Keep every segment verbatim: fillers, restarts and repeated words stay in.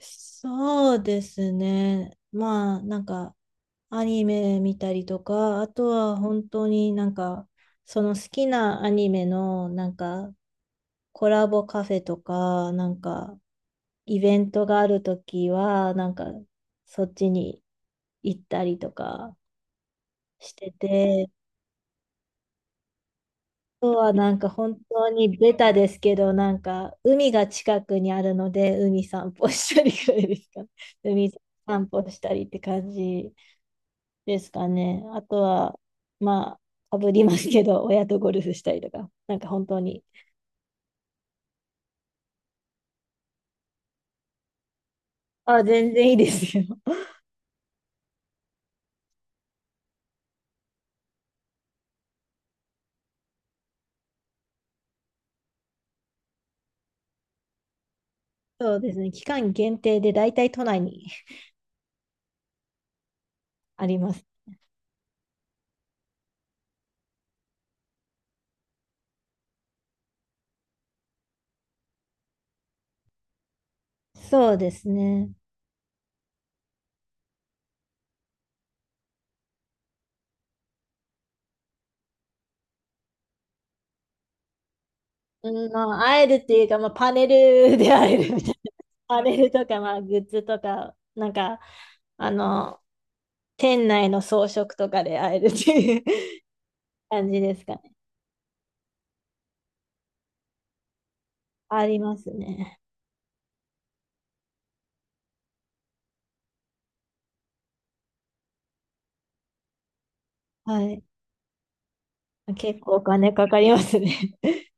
そうですね。まあ、なんか、アニメ見たりとか、あとは本当になんか、その好きなアニメのなんか、コラボカフェとか、なんか、イベントがあるときは、なんか、そっちに行ったりとかしてて、あとはなんか本当にベタですけど、なんか、海が近くにあるので、海散歩したりぐらいですかね。海散歩したりって感じ。ですかね。あとは、まあ、かぶりますけど、親とゴルフしたりとか、なんか本当に。あ、全然いいですよ。そうですね。期間限定で大体都内に あります。そうですね。うん、まあ、会えるっていうか、まあ、パネルで会えるみたいな。パネルとか、まあ、グッズとか、なんか、あの、店内の装飾とかで会えるっていう 感じですかね。ありますね。はい。結構お金かかりますね。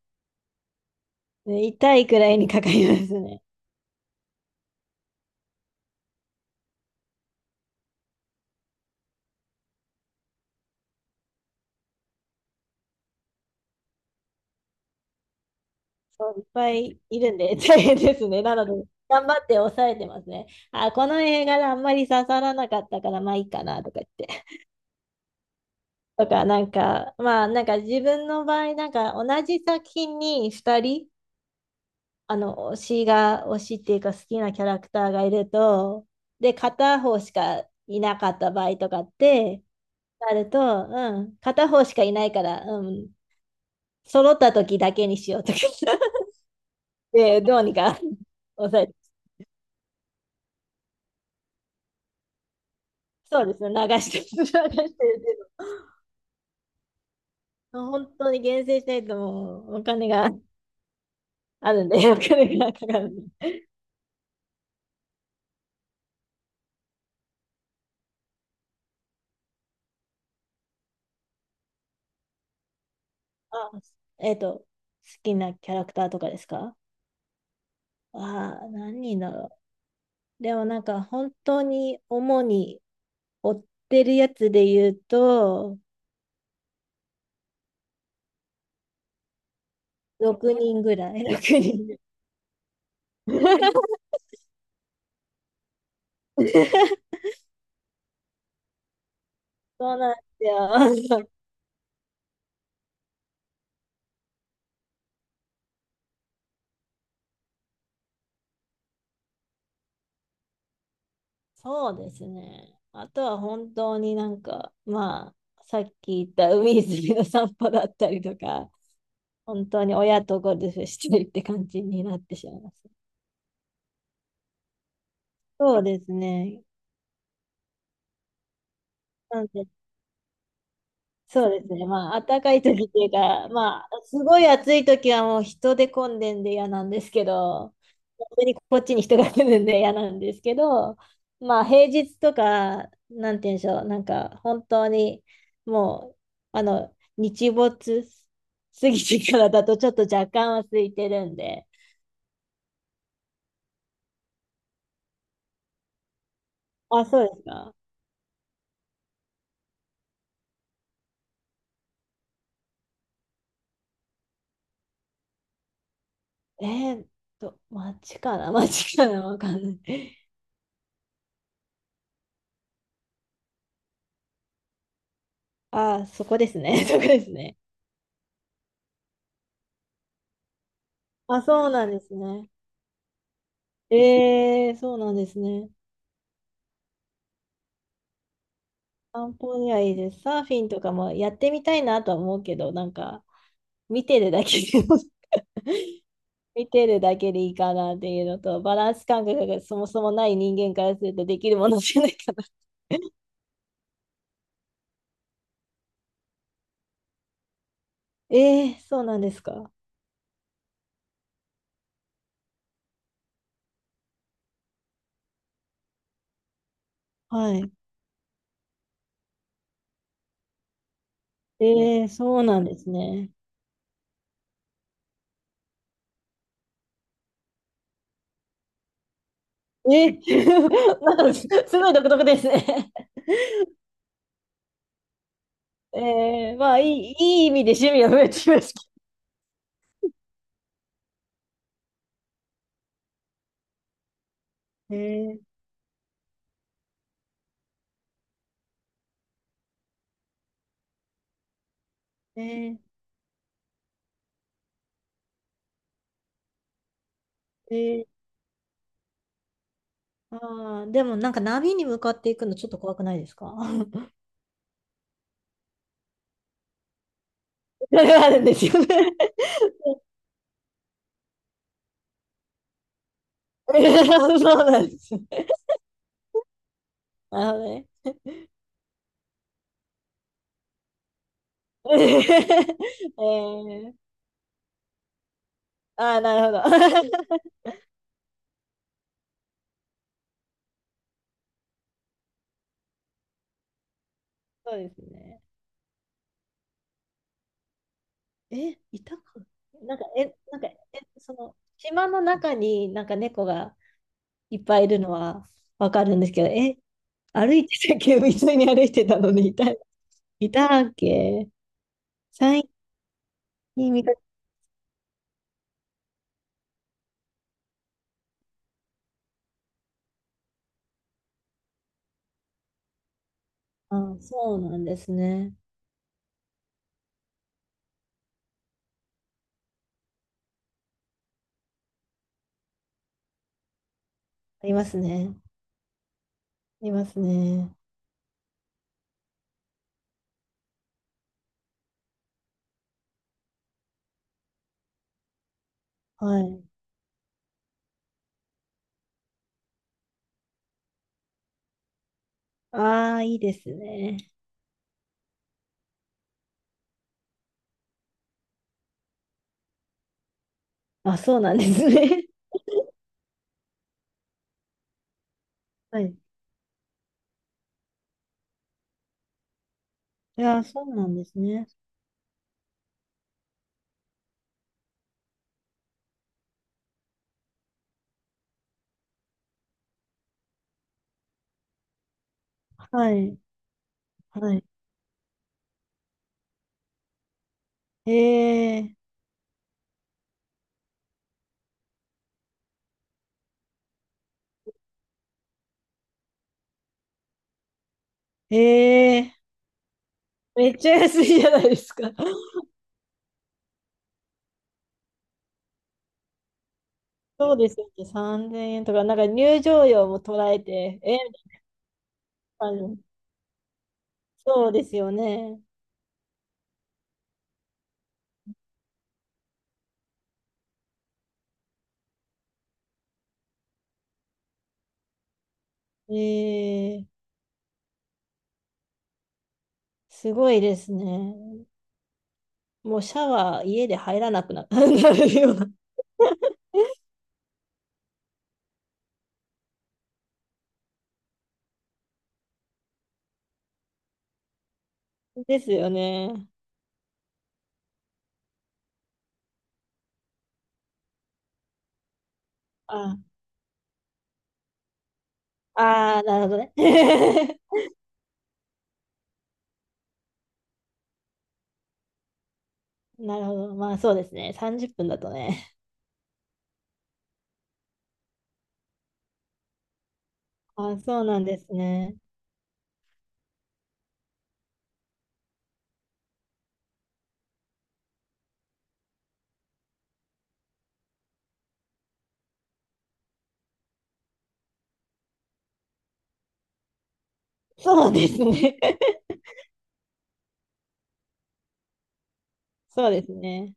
ね、痛いくらいにかかりますね。そういっぱいいるんで 大変ですね。なので、頑張って抑えてますね。あ、この映画があんまり刺さらなかったから、まあいいかなとか言って。とか、なんか、まあなんか自分の場合、なんか同じ作品にふたり、あの、推しが、推しっていうか好きなキャラクターがいると、で、片方しかいなかった場合とかってなると、うん、片方しかいないから、うん、揃った時だけにしようとか で、どうにか抑えて。そうですね、流して、流してるけど、本当に厳選しないともうお金があるんで、お金がかかるんで。あ、えっと、好きなキャラクターとかですか。ああ、何人だろう。でもなんか本当に主に追ってるやつで言うと、ろくにんぐらい、ろくにん そうなんですよ。そうですね。あとは本当になんか、まあ、さっき言った海泉の散歩だったりとか、本当に親とゴルフしてるって感じになってしまいます。そうですね。なんで、そうですね。まあ、暖かい時っていうか、まあ、すごい暑い時はもう人で混んでんで嫌なんですけど、本当にこっちに人が来るんで嫌なんですけど、まあ、平日とか、なんて言うんでしょう、なんか、本当に、もう、あの、日没過ぎてからだとちょっと若干は空いてるんで、あ、そうですか。えーっと、街かな、街かなわかんない。ああ、そこですね。そこですね。あ、そうなんですね。えー、そうなんですね。散歩にはいいです。サーフィンとかもやってみたいなとは思うけど、なんか、見てるだけで 見てるだけでいいかなっていうのと、バランス感覚がそもそもない人間からするとできるものじゃないかな。えー、そうなんですか。はい。えー、そうなんですね。えー、なんかすごい独特ですね。えー、まあ、いい、いい意味で趣味が増えてきました。えー、えー、えー、ああ、でもなんか波に向かっていくのちょっと怖くないですか？ それはあるんですよね。えー、そうなんです。なるほどね。えー、ああ、なるほど。そうですね。え、いたか。なんか、え、なんか、え、その、島の中になんか猫がいっぱいいるのはわかるんですけど、え、歩いてたっけ、普いに歩いてたのにいた、いたっけ最近見かけ。あ、そうなんですね。ありますね。ありますね。はい。ああ、いいですね。あ、そうなんですね。はい。いやー、そうなんですね。はい。はい。ええ、ええ、めっちゃ安いじゃないですか。そうですよね。さんぜんえんとか、なんか入場料も捉えて、えー、みたいな。そうですよね。ええ、すごいですね。もうシャワー家で入らなくな、なるような。ですよね。あ、あー、なるほどね。なるほど。まあそうですね。さんじゅっぷんだとね。あ、そうなんですね。そうですね。そうですね。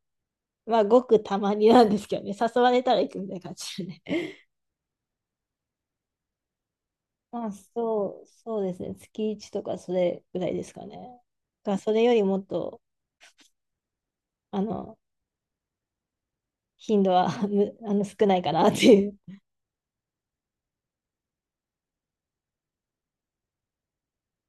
まあごくたまになんですけどね。誘われたら行くみたいな感じでね。まあそう、そうですね。月いちとかそれぐらいですかね。が、それよりもっと、あの、頻度はむあの少ないかなっていう